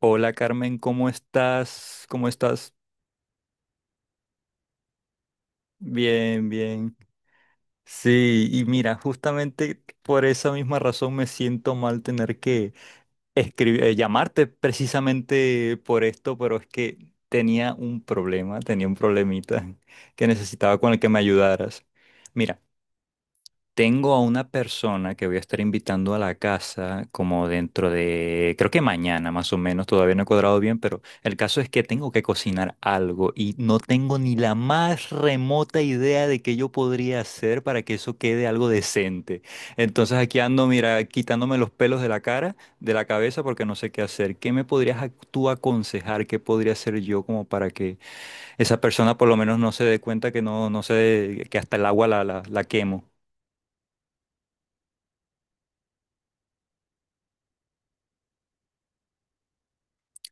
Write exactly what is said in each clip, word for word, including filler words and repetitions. Hola Carmen, ¿cómo estás? ¿Cómo estás? Bien, bien. Sí, y mira, justamente por esa misma razón me siento mal tener que escribir, eh, llamarte precisamente por esto, pero es que tenía un problema, tenía un problemita que necesitaba con el que me ayudaras. Mira. Tengo a una persona que voy a estar invitando a la casa como dentro de, creo que mañana más o menos, todavía no he cuadrado bien, pero el caso es que tengo que cocinar algo y no tengo ni la más remota idea de qué yo podría hacer para que eso quede algo decente. Entonces aquí ando, mira, quitándome los pelos de la cara, de la cabeza, porque no sé qué hacer. ¿Qué me podrías ac- tú aconsejar? ¿Qué podría hacer yo como para que esa persona por lo menos no se dé cuenta que no, no sé, que hasta el agua la, la la quemo?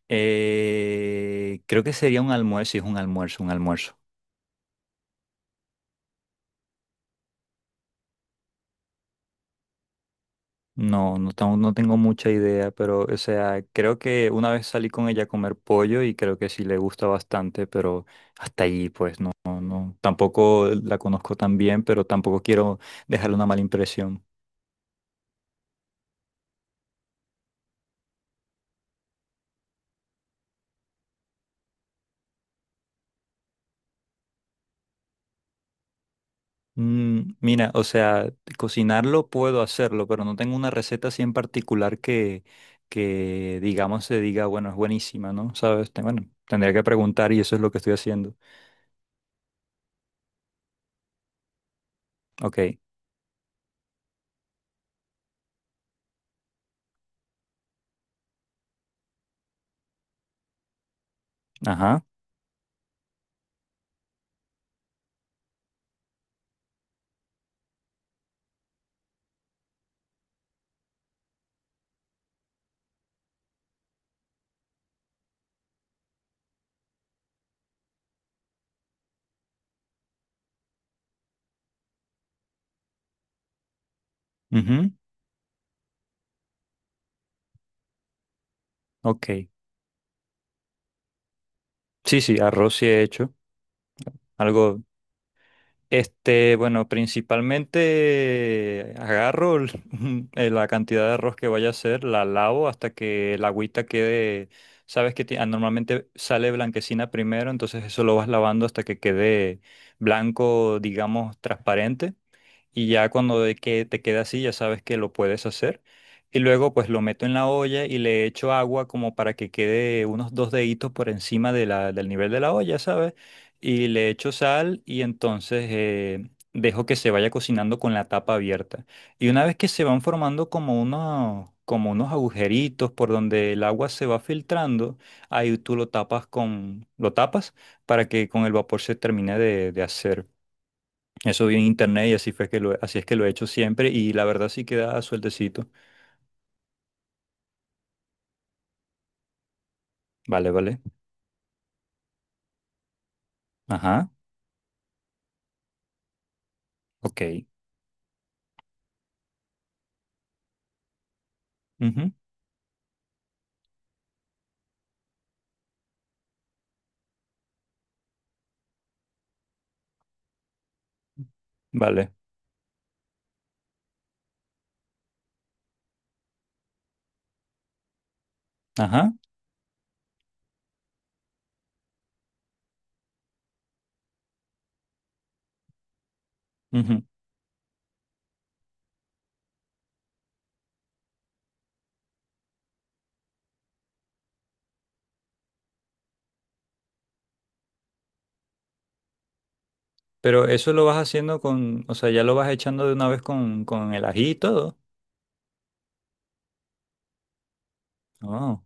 Eh, creo que sería un almuerzo, sí, es un almuerzo, un almuerzo. No, no tengo, no tengo mucha idea, pero, o sea, creo que una vez salí con ella a comer pollo y creo que sí le gusta bastante, pero hasta ahí, pues, no, no, no. Tampoco la conozco tan bien, pero tampoco quiero dejarle una mala impresión. Mm, mira, o sea, cocinarlo puedo hacerlo, pero no tengo una receta así en particular que, que digamos, se diga, bueno, es buenísima, ¿no? ¿Sabes? Te- Bueno, tendría que preguntar y eso es lo que estoy haciendo. Ok, ajá, ujú, ok. Sí, sí, arroz sí he hecho. Algo, este, bueno, principalmente agarro el- eh, la cantidad de arroz que vaya a hacer, la lavo hasta que la agüita quede, sabes que ti- ah, normalmente sale blanquecina primero, entonces eso lo vas lavando hasta que quede blanco, digamos, transparente. Y ya cuando de que te queda así ya sabes que lo puedes hacer. Y luego pues lo meto en la olla y le echo agua como para que quede unos dos deditos por encima de la, del nivel de la olla, ¿sabes? Y le echo sal y entonces eh, dejo que se vaya cocinando con la tapa abierta. Y una vez que se van formando como unos, como unos agujeritos por donde el agua se va filtrando, ahí tú lo tapas con, lo tapas para que con el vapor se termine de de hacer. Eso vi en internet y así fue que lo, así es que lo he hecho siempre y la verdad sí queda sueltecito. Vale, vale. Ajá. Ok. Ujú, vale. Ajá. Ujú. Pero eso lo vas haciendo con, o sea, ya lo vas echando de una vez con, con el ají y todo. Oh.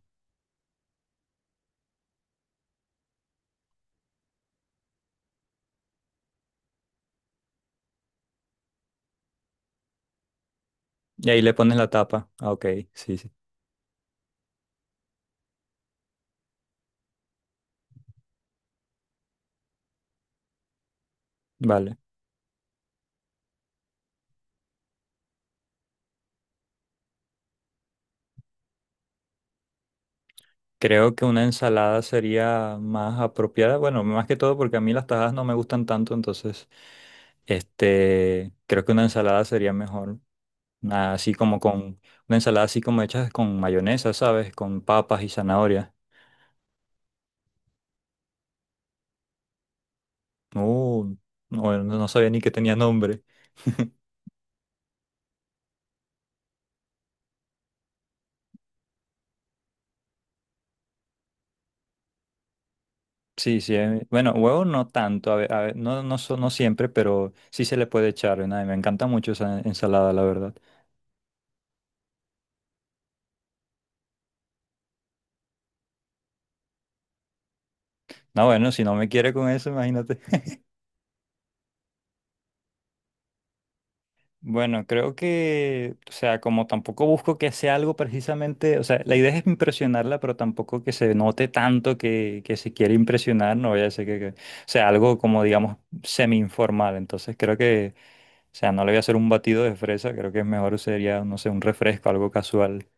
Y ahí le pones la tapa. Ah, ok. Sí, sí. Vale. Creo que una ensalada sería más apropiada. Bueno, más que todo porque a mí las tajadas no me gustan tanto, entonces, este, creo que una ensalada sería mejor. Así como con una ensalada así como hecha con mayonesa, ¿sabes? Con papas y zanahorias. Uh, no, no no sabía ni que tenía nombre. Sí, sí. eh, Bueno, huevo no tanto, a ve- a ve- no, no, so- no siempre, pero sí se le puede echar. ¿No? Y me encanta mucho esa ensalada, la verdad. No, bueno, si no me quiere con eso, imagínate. Bueno, creo que, o sea, como tampoco busco que sea algo precisamente, o sea, la idea es impresionarla, pero tampoco que se note tanto que, que se quiere impresionar, no voy a decir que, que- o sea, algo como, digamos, semi-informal. Entonces creo que, o sea, no le voy a hacer un batido de fresa, creo que es mejor sería, no sé, un refresco, algo casual.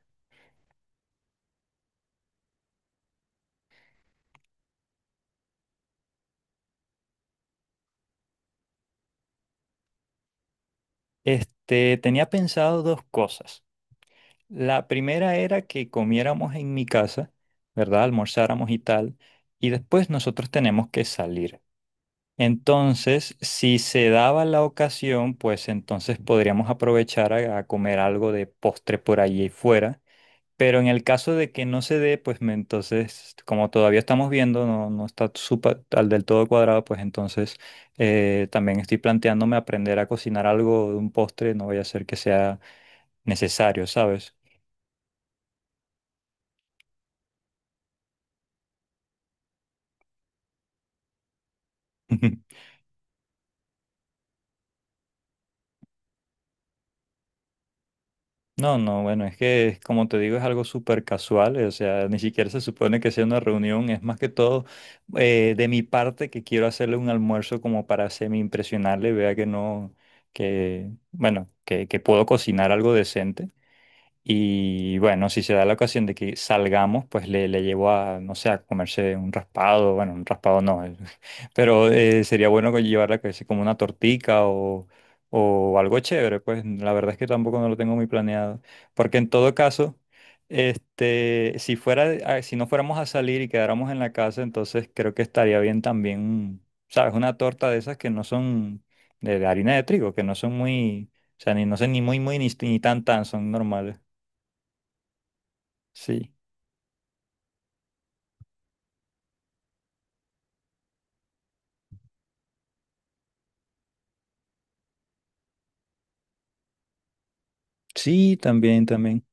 Este, tenía pensado dos cosas. La primera era que comiéramos en mi casa, ¿verdad? Almorzáramos y tal, y después nosotros tenemos que salir. Entonces, si se daba la ocasión, pues entonces podríamos aprovechar a, a comer algo de postre por allí fuera. Pero en el caso de que no se dé, pues me- entonces, como todavía estamos viendo, no, no está súper al del todo cuadrado, pues entonces eh, también estoy planteándome aprender a cocinar algo de un postre, no vaya a ser que sea necesario, ¿sabes? No, no, bueno, es que es- como te digo es algo súper casual, eh, o sea, ni siquiera se supone que sea una reunión, es más que todo eh, de mi parte que quiero hacerle un almuerzo como para semi-impresionarle, vea que no, que, bueno, que, que puedo cocinar algo decente. Y bueno, si se da la ocasión de que salgamos, pues le, le llevo a, no sé, a comerse un raspado, bueno, un raspado no, eh, pero eh, sería bueno que llevarla que sea como una tortica o, o algo chévere, pues la verdad es que tampoco no lo tengo muy planeado, porque en todo caso, este, si fuera, ah, si no fuéramos a salir y quedáramos en la casa, entonces creo que estaría bien también, un- ¿sabes? Una torta de esas que no son de, de harina de trigo, que no son muy, o sea, ni, no sé, ni muy, muy, ni, ni tan, tan, son normales. Sí, sí, también, también.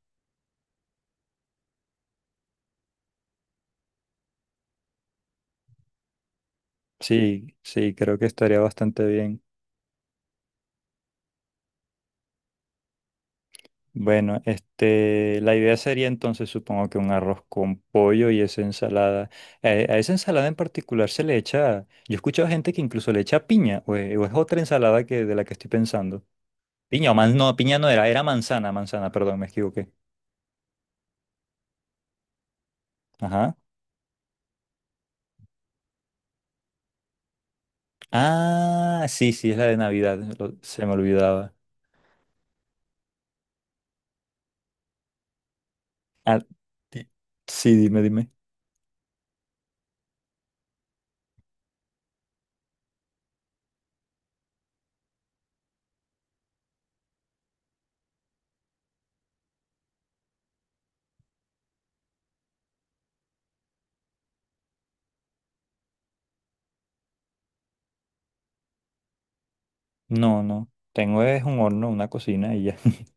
Sí, sí, creo que estaría bastante bien. Bueno, este, la idea sería entonces, supongo que un arroz con pollo y esa ensalada. Eh, a esa ensalada en particular se le echa, yo he escuchado gente que incluso le echa piña, o e- o es, otra ensalada que, de la que estoy pensando. Piña, o man, no, piña no era, era manzana, manzana, perdón, me equivoqué. Ajá. Ah, sí, sí, es la de Navidad, lo- se me olvidaba. Ah, di- sí, dime, dime. No, no. Tengo es un horno, una cocina y ya.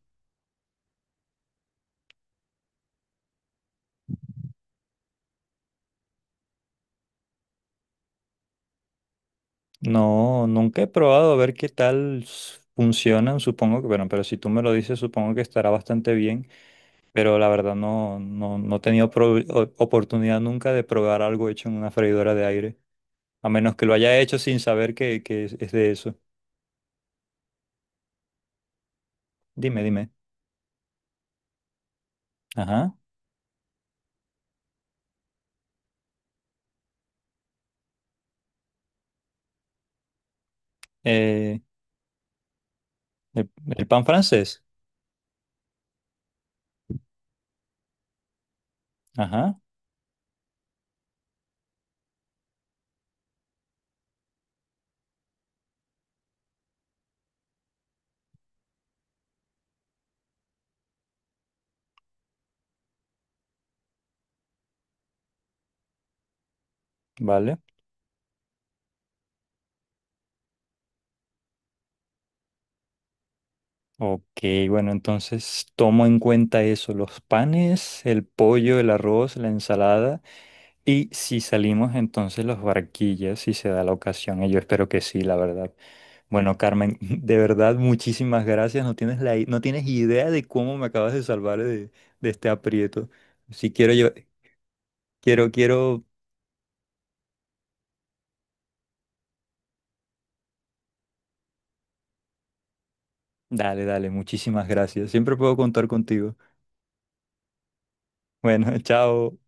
No, nunca he probado a ver qué tal s- funcionan. Supongo que, bueno, pero si tú me lo dices, supongo que estará bastante bien. Pero la verdad no, no, no he tenido pro- o- oportunidad nunca de probar algo hecho en una freidora de aire. A menos que lo haya hecho sin saber que, que es, es de eso. Dime, dime. Ajá. Eh, el, el pan francés. Ajá. Vale. Ok, bueno, entonces tomo en cuenta eso, los panes, el pollo, el arroz, la ensalada y si salimos entonces los barquillas, si se da la ocasión, y yo espero que sí, la verdad. Bueno, Carmen, de verdad muchísimas gracias, no tienes la, i- no tienes idea de cómo me acabas de salvar de, de este aprieto. Si quiero yo, quiero, quiero, dale, dale, muchísimas gracias, siempre puedo contar contigo. Bueno, chao.